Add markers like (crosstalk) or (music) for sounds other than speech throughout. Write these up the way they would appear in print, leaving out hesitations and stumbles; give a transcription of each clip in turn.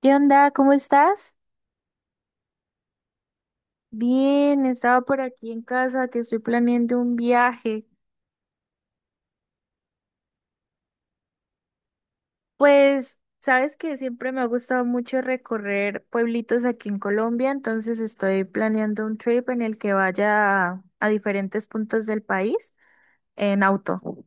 ¿Qué onda? ¿Cómo estás? Bien, estaba por aquí en casa que estoy planeando un viaje. Pues, sabes que siempre me ha gustado mucho recorrer pueblitos aquí en Colombia, entonces estoy planeando un trip en el que vaya a diferentes puntos del país en auto.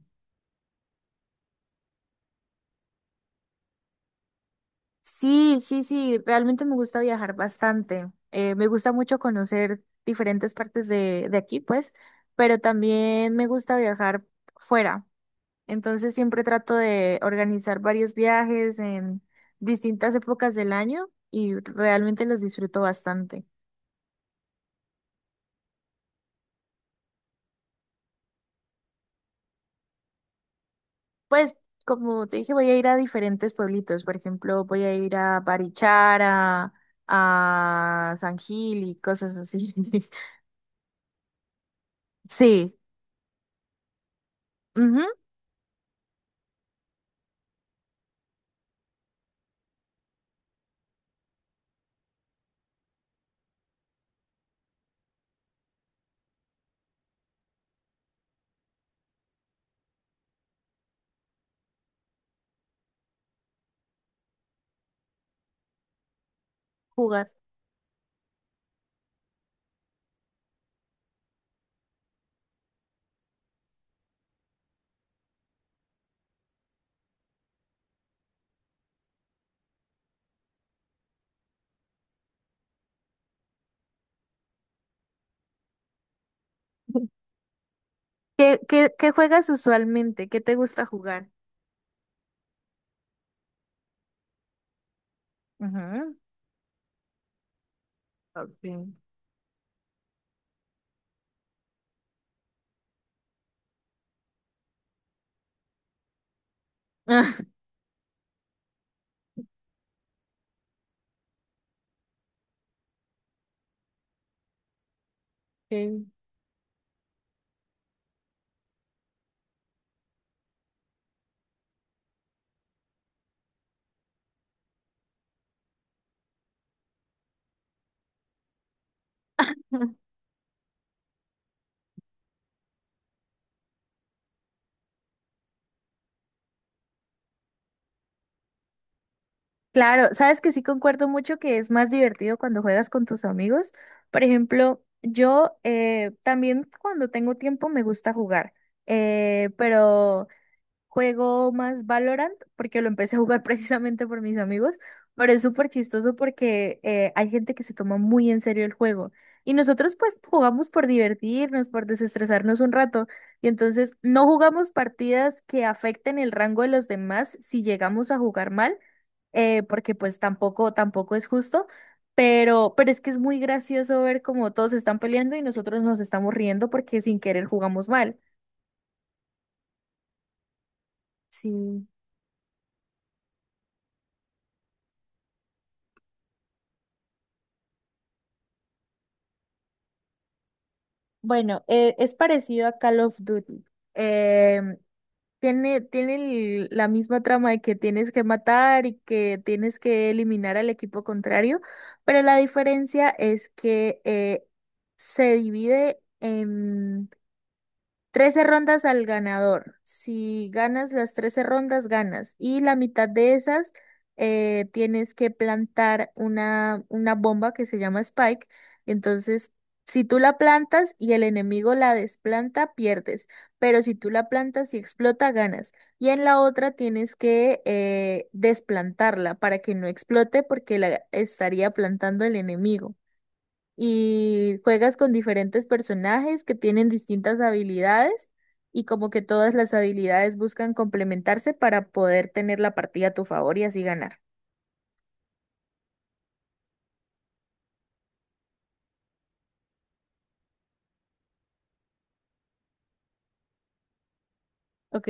Sí, sí, sí, realmente me gusta viajar bastante. Me gusta mucho conocer diferentes partes de aquí, pues, pero también me gusta viajar fuera. Entonces siempre trato de organizar varios viajes en distintas épocas del año y realmente los disfruto bastante. Pues como te dije, voy a ir a diferentes pueblitos. Por ejemplo, voy a ir a Barichara, a San Gil y cosas así. (laughs) Sí, ujú, Jugar. ¿Qué juegas usualmente? ¿Qué te gusta jugar? Ujú, ok. (laughs) Ok. (laughs) Claro, sabes que sí concuerdo mucho que es más divertido cuando juegas con tus amigos. Por ejemplo, yo también cuando tengo tiempo me gusta jugar, pero juego más Valorant porque lo empecé a jugar (laughs) precisamente por mis amigos, pero es súper chistoso porque hay gente que se toma muy en serio el juego y nosotros pues jugamos por divertirnos, por desestresarnos un rato y entonces no jugamos partidas que afecten el rango de los demás si llegamos a jugar mal, porque pues tampoco, tampoco es justo. Pero es que es muy gracioso ver cómo todos están peleando y nosotros nos estamos riendo porque sin querer jugamos mal. Sí. Bueno, es parecido a Call of Duty. Em, tiene la misma trama de que tienes que matar y que tienes que eliminar al equipo contrario, pero la diferencia es que se divide trece rondas al ganador. Si ganas las 13 rondas, ganas. Y la mitad de esas tienes que plantar una bomba que se llama Spike. Entonces, si tú la plantas y el enemigo la desplanta, pierdes. Pero si tú la plantas y explota, ganas. Y en la otra tienes que desplantarla para que no explote porque la estaría plantando el enemigo y juegas con diferentes personajes que tienen distintas habilidades y como que todas las habilidades buscan complementarse para poder tener la partida a tu favor y así ganar. Ok,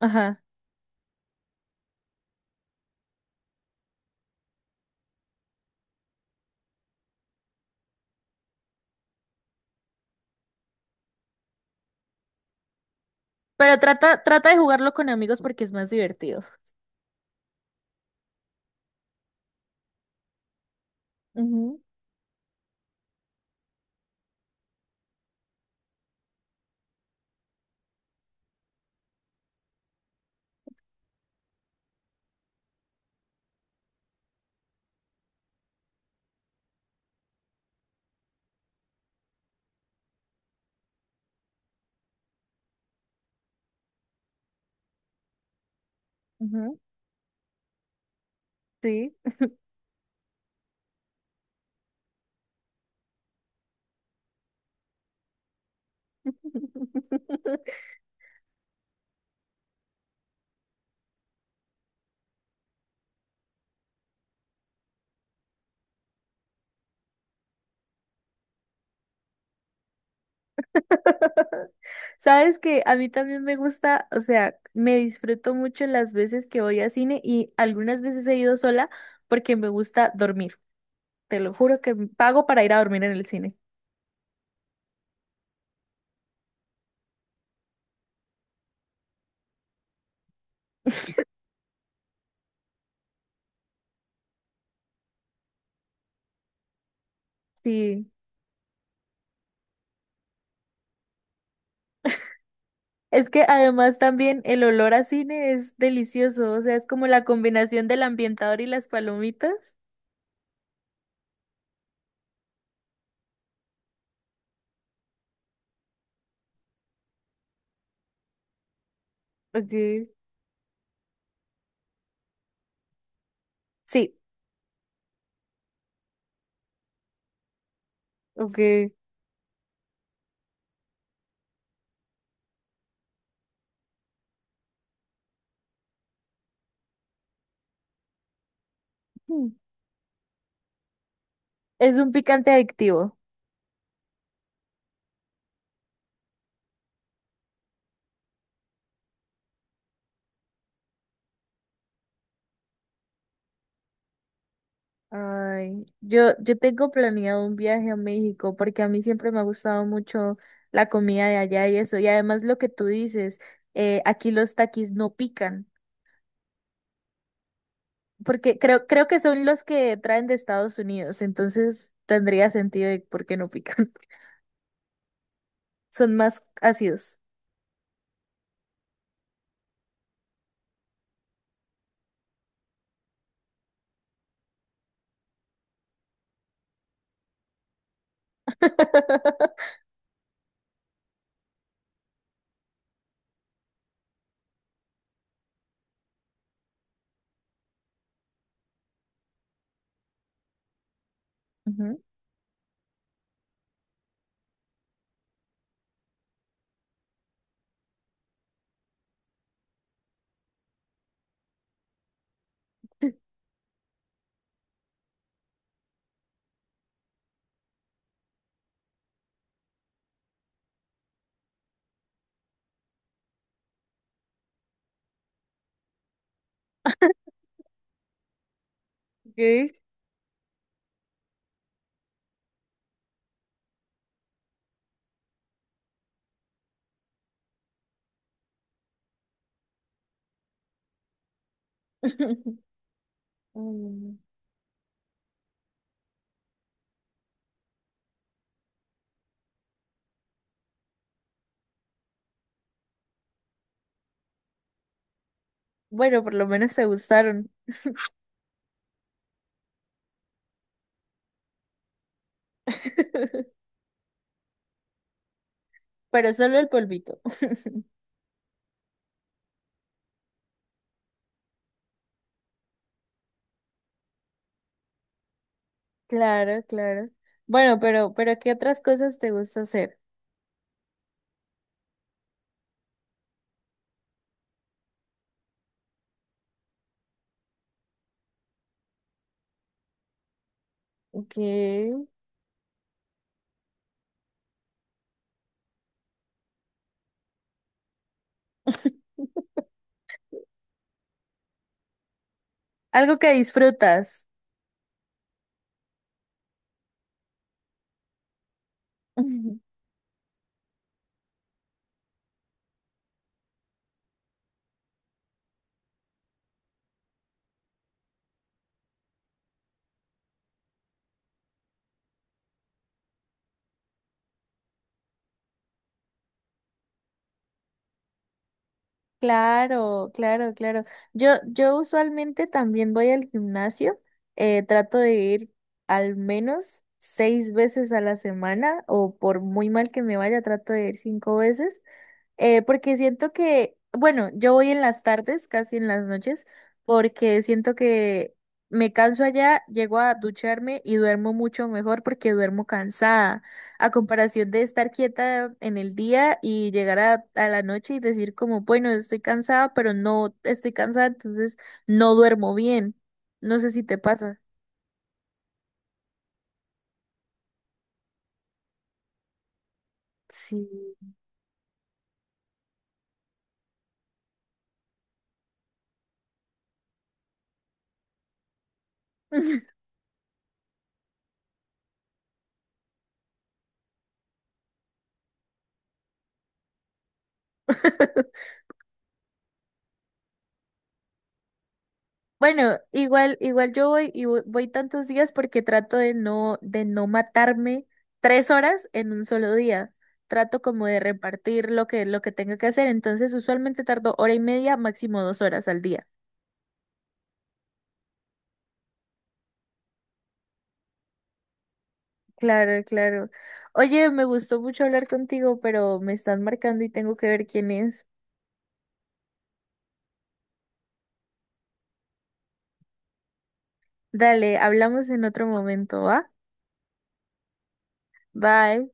ajá. Pero trata, trata de jugarlo con amigos porque es más divertido. Ujú, ujú, sí. (laughs) Sabes que a mí también me gusta, o sea, me disfruto mucho las veces que voy a cine y algunas veces he ido sola porque me gusta dormir. Te lo juro que pago para ir a dormir en el cine. Sí. Es que además también el olor a cine es delicioso. O sea, es como la combinación del ambientador y las palomitas. Okay, sí, okay. Mm. Es un picante adictivo. Ay, yo tengo planeado un viaje a México porque a mí siempre me ha gustado mucho la comida de allá y eso. Y además lo que tú dices, aquí los taquis no pican. Porque creo que son los que traen de Estados Unidos, entonces tendría sentido de por qué no pican. (laughs) Son más ácidos. (laughs) Ujú. Ok. (laughs) Mm, bueno, por lo menos te gustaron. (laughs) Pero solo el polvito. (laughs) Claro, claro. Bueno, pero ¿qué otras cosas te gusta hacer? ¿Qué? (laughs) Algo que disfrutas. (laughs) Claro, claro, claro. Yo usualmente también voy al gimnasio. Trato de ir al menos seis veces a la semana o por muy mal que me vaya, trato de ir cinco veces. Porque siento que, bueno, yo voy en las tardes, casi en las noches, porque siento que me canso allá, llego a ducharme y duermo mucho mejor porque duermo cansada, a comparación de estar quieta en el día y llegar a la noche y decir como, bueno, estoy cansada, pero no estoy cansada, entonces no duermo bien. No sé si te pasa. Sí. (laughs) Bueno, igual yo voy y voy tantos días porque trato de no matarme 3 horas en un solo día. Trato como de repartir lo que tenga que hacer. Entonces, usualmente tardo hora y media, máximo 2 horas al día. Claro, claro. Oye, me gustó mucho hablar contigo, pero me están marcando y tengo que ver quién es. Dale, hablamos en otro momento, ¿va? Bye.